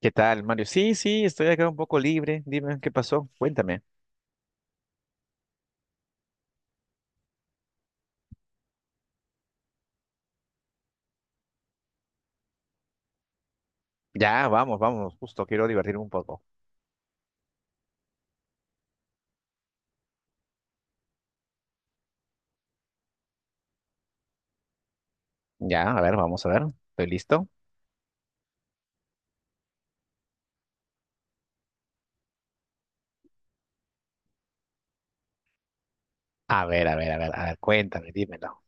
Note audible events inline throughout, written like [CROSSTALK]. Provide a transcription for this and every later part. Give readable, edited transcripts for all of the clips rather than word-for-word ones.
¿Qué tal, Mario? Sí, sí, estoy acá un poco libre. Dime, ¿qué pasó? Cuéntame. Ya, vamos, vamos, justo quiero divertirme un poco. Ya, a ver, vamos a ver. ¿Estoy listo? A ver, a ver, a ver, a ver, cuéntame, dímelo.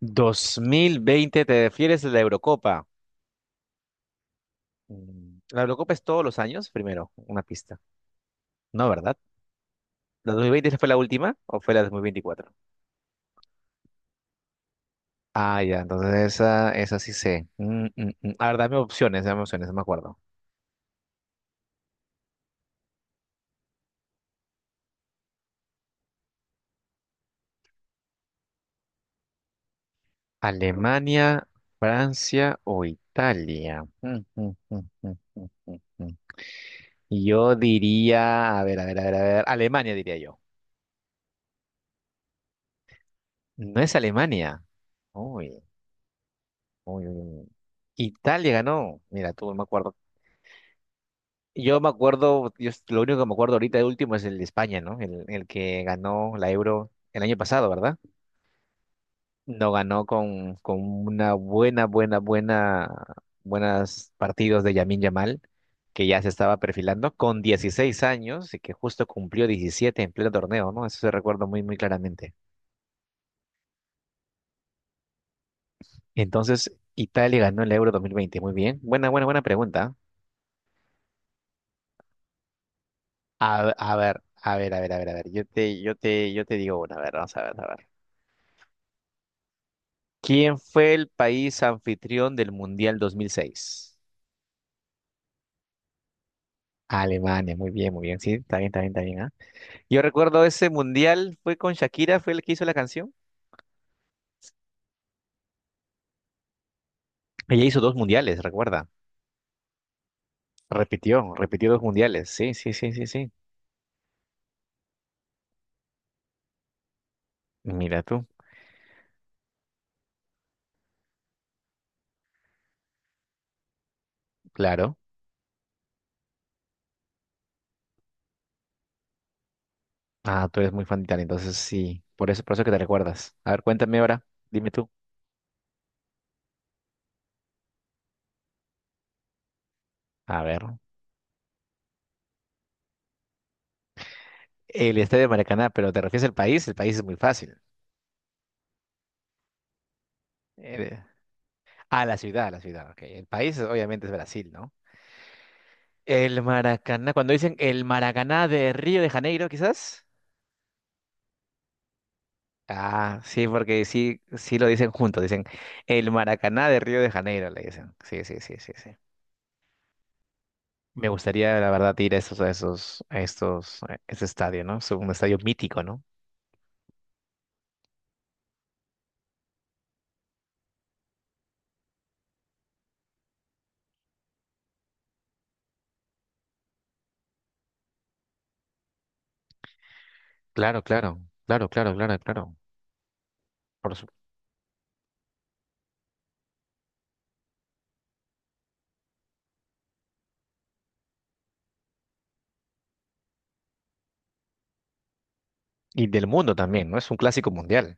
2020, ¿te refieres a la Eurocopa? Mm, ¿la Eurocopa es todos los años? Primero, una pista. No, ¿verdad? ¿La 2020 fue la última o fue la 2024? Ah, ya, entonces esa sí sé. Mm. A ver, dame opciones, no me acuerdo. Alemania, Francia o Italia. [LAUGHS] Mm, mm, mm. Yo diría, a ver, a ver, a ver, a ver, Alemania diría yo. No es Alemania. Uy, uy, uy, uy. Italia ganó. Mira, tú no me acuerdo. Yo me acuerdo, yo, lo único que me acuerdo ahorita de último es el de España, ¿no? El que ganó la Euro el año pasado, ¿verdad? No ganó con una buena, buena, buena, buenas partidos de Yamin Yamal, que ya se estaba perfilando con 16 años y que justo cumplió 17 en pleno torneo, ¿no? Eso se recuerdo muy, muy claramente. Entonces, Italia ganó el Euro 2020. Muy bien. Buena, buena, buena pregunta. A ver, a ver, a ver, a ver, a ver. Yo te digo una, a ver, vamos a ver, a ver. ¿Quién fue el país anfitrión del Mundial 2006? Alemania, muy bien, muy bien. Sí, está bien, está bien, está bien, ¿ah? Yo recuerdo ese mundial, fue con Shakira, fue el que hizo la canción. Ella hizo dos mundiales, recuerda. Repitió, repitió dos mundiales. Sí, sí, sí, sí, sí. Mira tú, claro. Ah, tú eres muy fan de Italia, entonces sí. Por eso que te recuerdas. A ver, cuéntame ahora, dime tú. A ver. El Estadio de Maracaná, pero ¿te refieres al país? El país es muy fácil. Eh, ah, la ciudad, ok. El país obviamente es Brasil, ¿no? El Maracaná, cuando dicen el Maracaná de Río de Janeiro, quizás. Ah, sí, porque sí, sí lo dicen juntos, dicen el Maracaná de Río de Janeiro, le dicen. Sí, sí, sí, sí, sí. Me gustaría, la verdad, ir a estos, a esos, a estos, a ese estadio, ¿no? Es un estadio mítico, ¿no? Claro, claro, claro, claro, claro, claro. Por su- Y del mundo también, ¿no? Es un clásico mundial.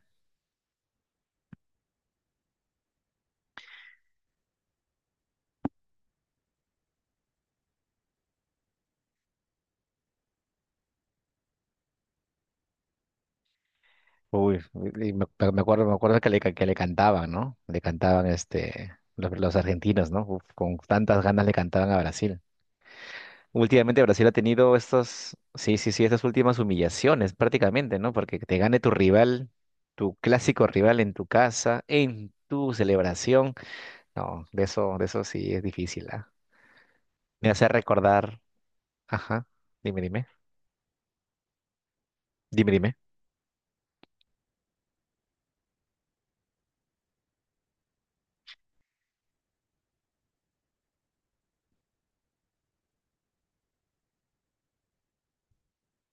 Uy, y me, me acuerdo que que le cantaban, ¿no? Le cantaban este, los argentinos, ¿no? Uf, con tantas ganas le cantaban a Brasil. Últimamente Brasil ha tenido estas, sí, sí, sí, estas últimas humillaciones prácticamente, ¿no? Porque te gane tu rival, tu clásico rival en tu casa, en tu celebración. No, de eso sí es difícil, ¿ah? Me hace recordar, ajá, dime, dime, dime, dime.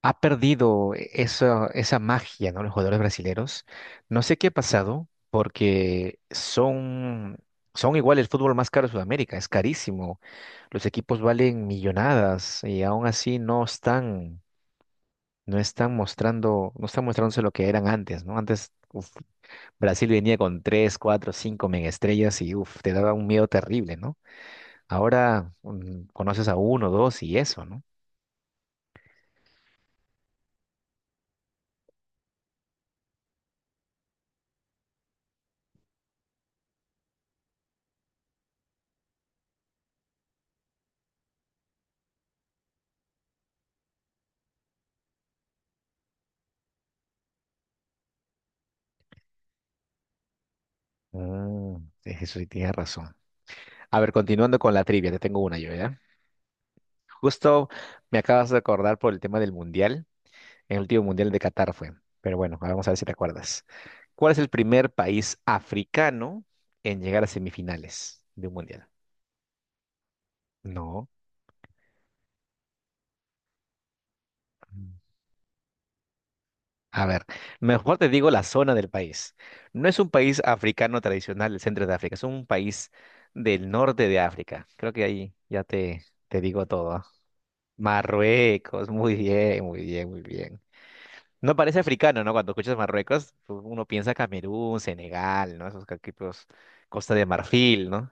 Ha perdido esa, esa magia, ¿no? Los jugadores brasileños. No sé qué ha pasado, porque son, son igual el fútbol más caro de Sudamérica, es carísimo. Los equipos valen millonadas y aún así no están, no están mostrando, no están mostrándose lo que eran antes, ¿no? Antes, uf, Brasil venía con tres, cuatro, cinco mega estrellas y uf, te daba un miedo terrible, ¿no? Ahora conoces a uno, dos y eso, ¿no? Mm, eso sí tienes razón. A ver, continuando con la trivia, te tengo una yo, ¿ya? Justo me acabas de acordar por el tema del mundial. En el último mundial de Qatar fue. Pero bueno, vamos a ver si te acuerdas. ¿Cuál es el primer país africano en llegar a semifinales de un mundial? No. Mm. A ver, mejor te digo la zona del país. No es un país africano tradicional del centro de África, es un país del norte de África. Creo que ahí ya te digo todo. ¿Ah? Marruecos, muy bien, muy bien, muy bien. No parece africano, ¿no? Cuando escuchas Marruecos, pues, uno piensa Camerún, Senegal, ¿no? Esos equipos, Costa de Marfil, ¿no?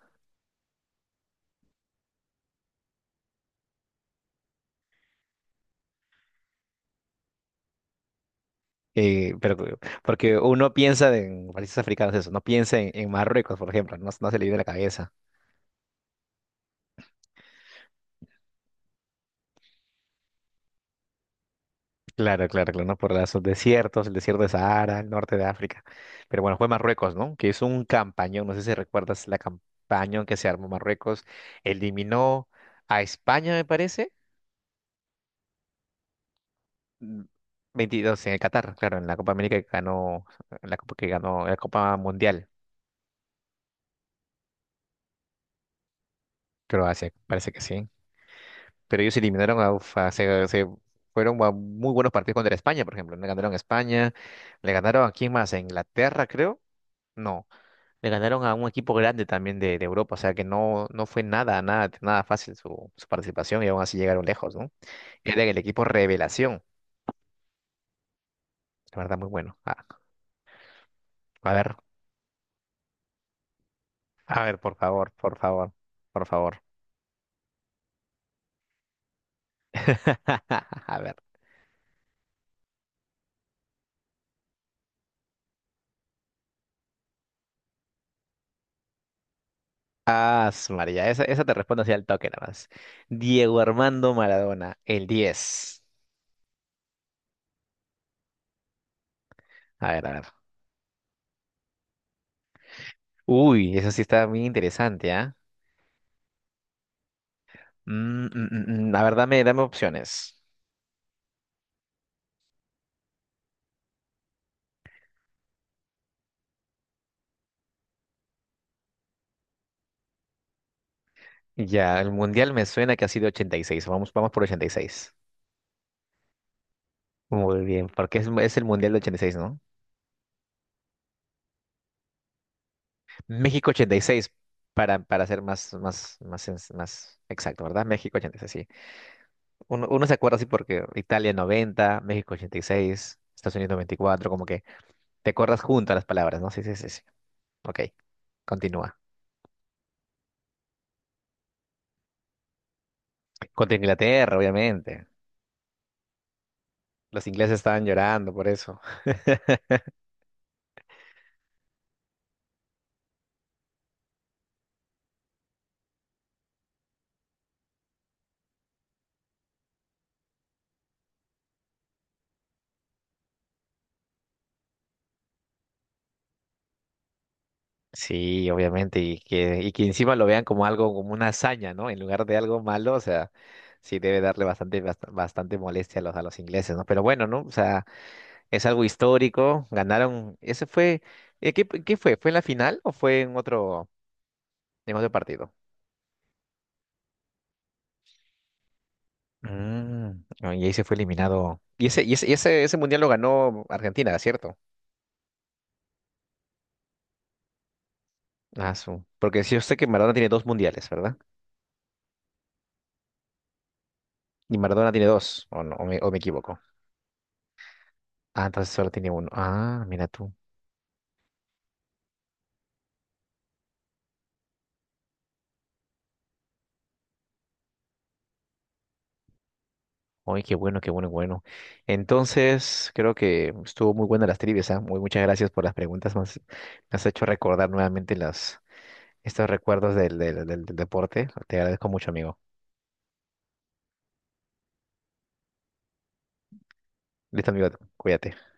Eh, pero, porque uno piensa en países africanos, eso, no piensa en Marruecos, por ejemplo, no, no se le viene a la cabeza. Claro, claro, claro, no por los desiertos, el desierto de Sahara, el norte de África. Pero bueno, fue Marruecos, ¿no? Que hizo un campañón, no sé si recuerdas la campaña que se armó Marruecos, eliminó a España, me parece, mm, 22 en el Qatar, claro, en la Copa América que ganó, en la Copa que ganó, en la Copa Mundial, Croacia, parece que sí. Pero ellos eliminaron a, uf, se fueron a muy buenos partidos contra España, por ejemplo. Le ganaron a España, le ganaron a quién más, a Inglaterra, creo. No, le ganaron a un equipo grande también de Europa, o sea que no, no fue nada, nada, nada fácil su, su participación y aún así llegaron lejos, ¿no? Era el equipo Revelación, la verdad, muy bueno. Ah, a ver, a ver, por favor, por favor, por favor. [LAUGHS] A ver, ah, su María, esa te respondo así al toque nada más. Diego Armando Maradona, el 10. A ver, a ver. Uy, eso sí está muy interesante, ¿ah? Mm. A ver, dame, dame opciones. Ya, el mundial me suena que ha sido 86. Vamos, vamos por 86. Muy bien, porque es el mundial de 86, ¿no? México 86 para ser más, más, más, más exacto, ¿verdad? México 86. Sí. Uno, uno se acuerda así porque Italia 90, México 86, Estados Unidos 94, como que te acuerdas junto a las palabras, ¿no? Sí, sí, sí, sí. Ok, continúa. Contra Inglaterra, obviamente. Los ingleses estaban llorando por eso. Sí, obviamente, y que encima lo vean como algo, como una hazaña, ¿no? En lugar de algo malo, o sea, sí debe darle bastante, bastante molestia a los ingleses, ¿no? Pero bueno, ¿no? O sea, es algo histórico, ganaron, ese fue, ¿qué, qué fue? ¿Fue en la final o fue en otro partido? Ah, y ahí se fue eliminado. Ese mundial lo ganó Argentina, ¿cierto? Ah, su. Porque sí, yo sé que Maradona tiene dos mundiales, ¿verdad? Y Maradona tiene dos, o, no, o me equivoco. Ah, entonces solo tiene uno. Ah, mira tú. Ay, qué bueno, qué bueno, qué bueno. Entonces, creo que estuvo muy buena las trivias, ¿ah? Muy muchas gracias por las preguntas. Me has hecho recordar nuevamente las, estos recuerdos del, del deporte. Te agradezco mucho, amigo. Listo, amigo, cuídate.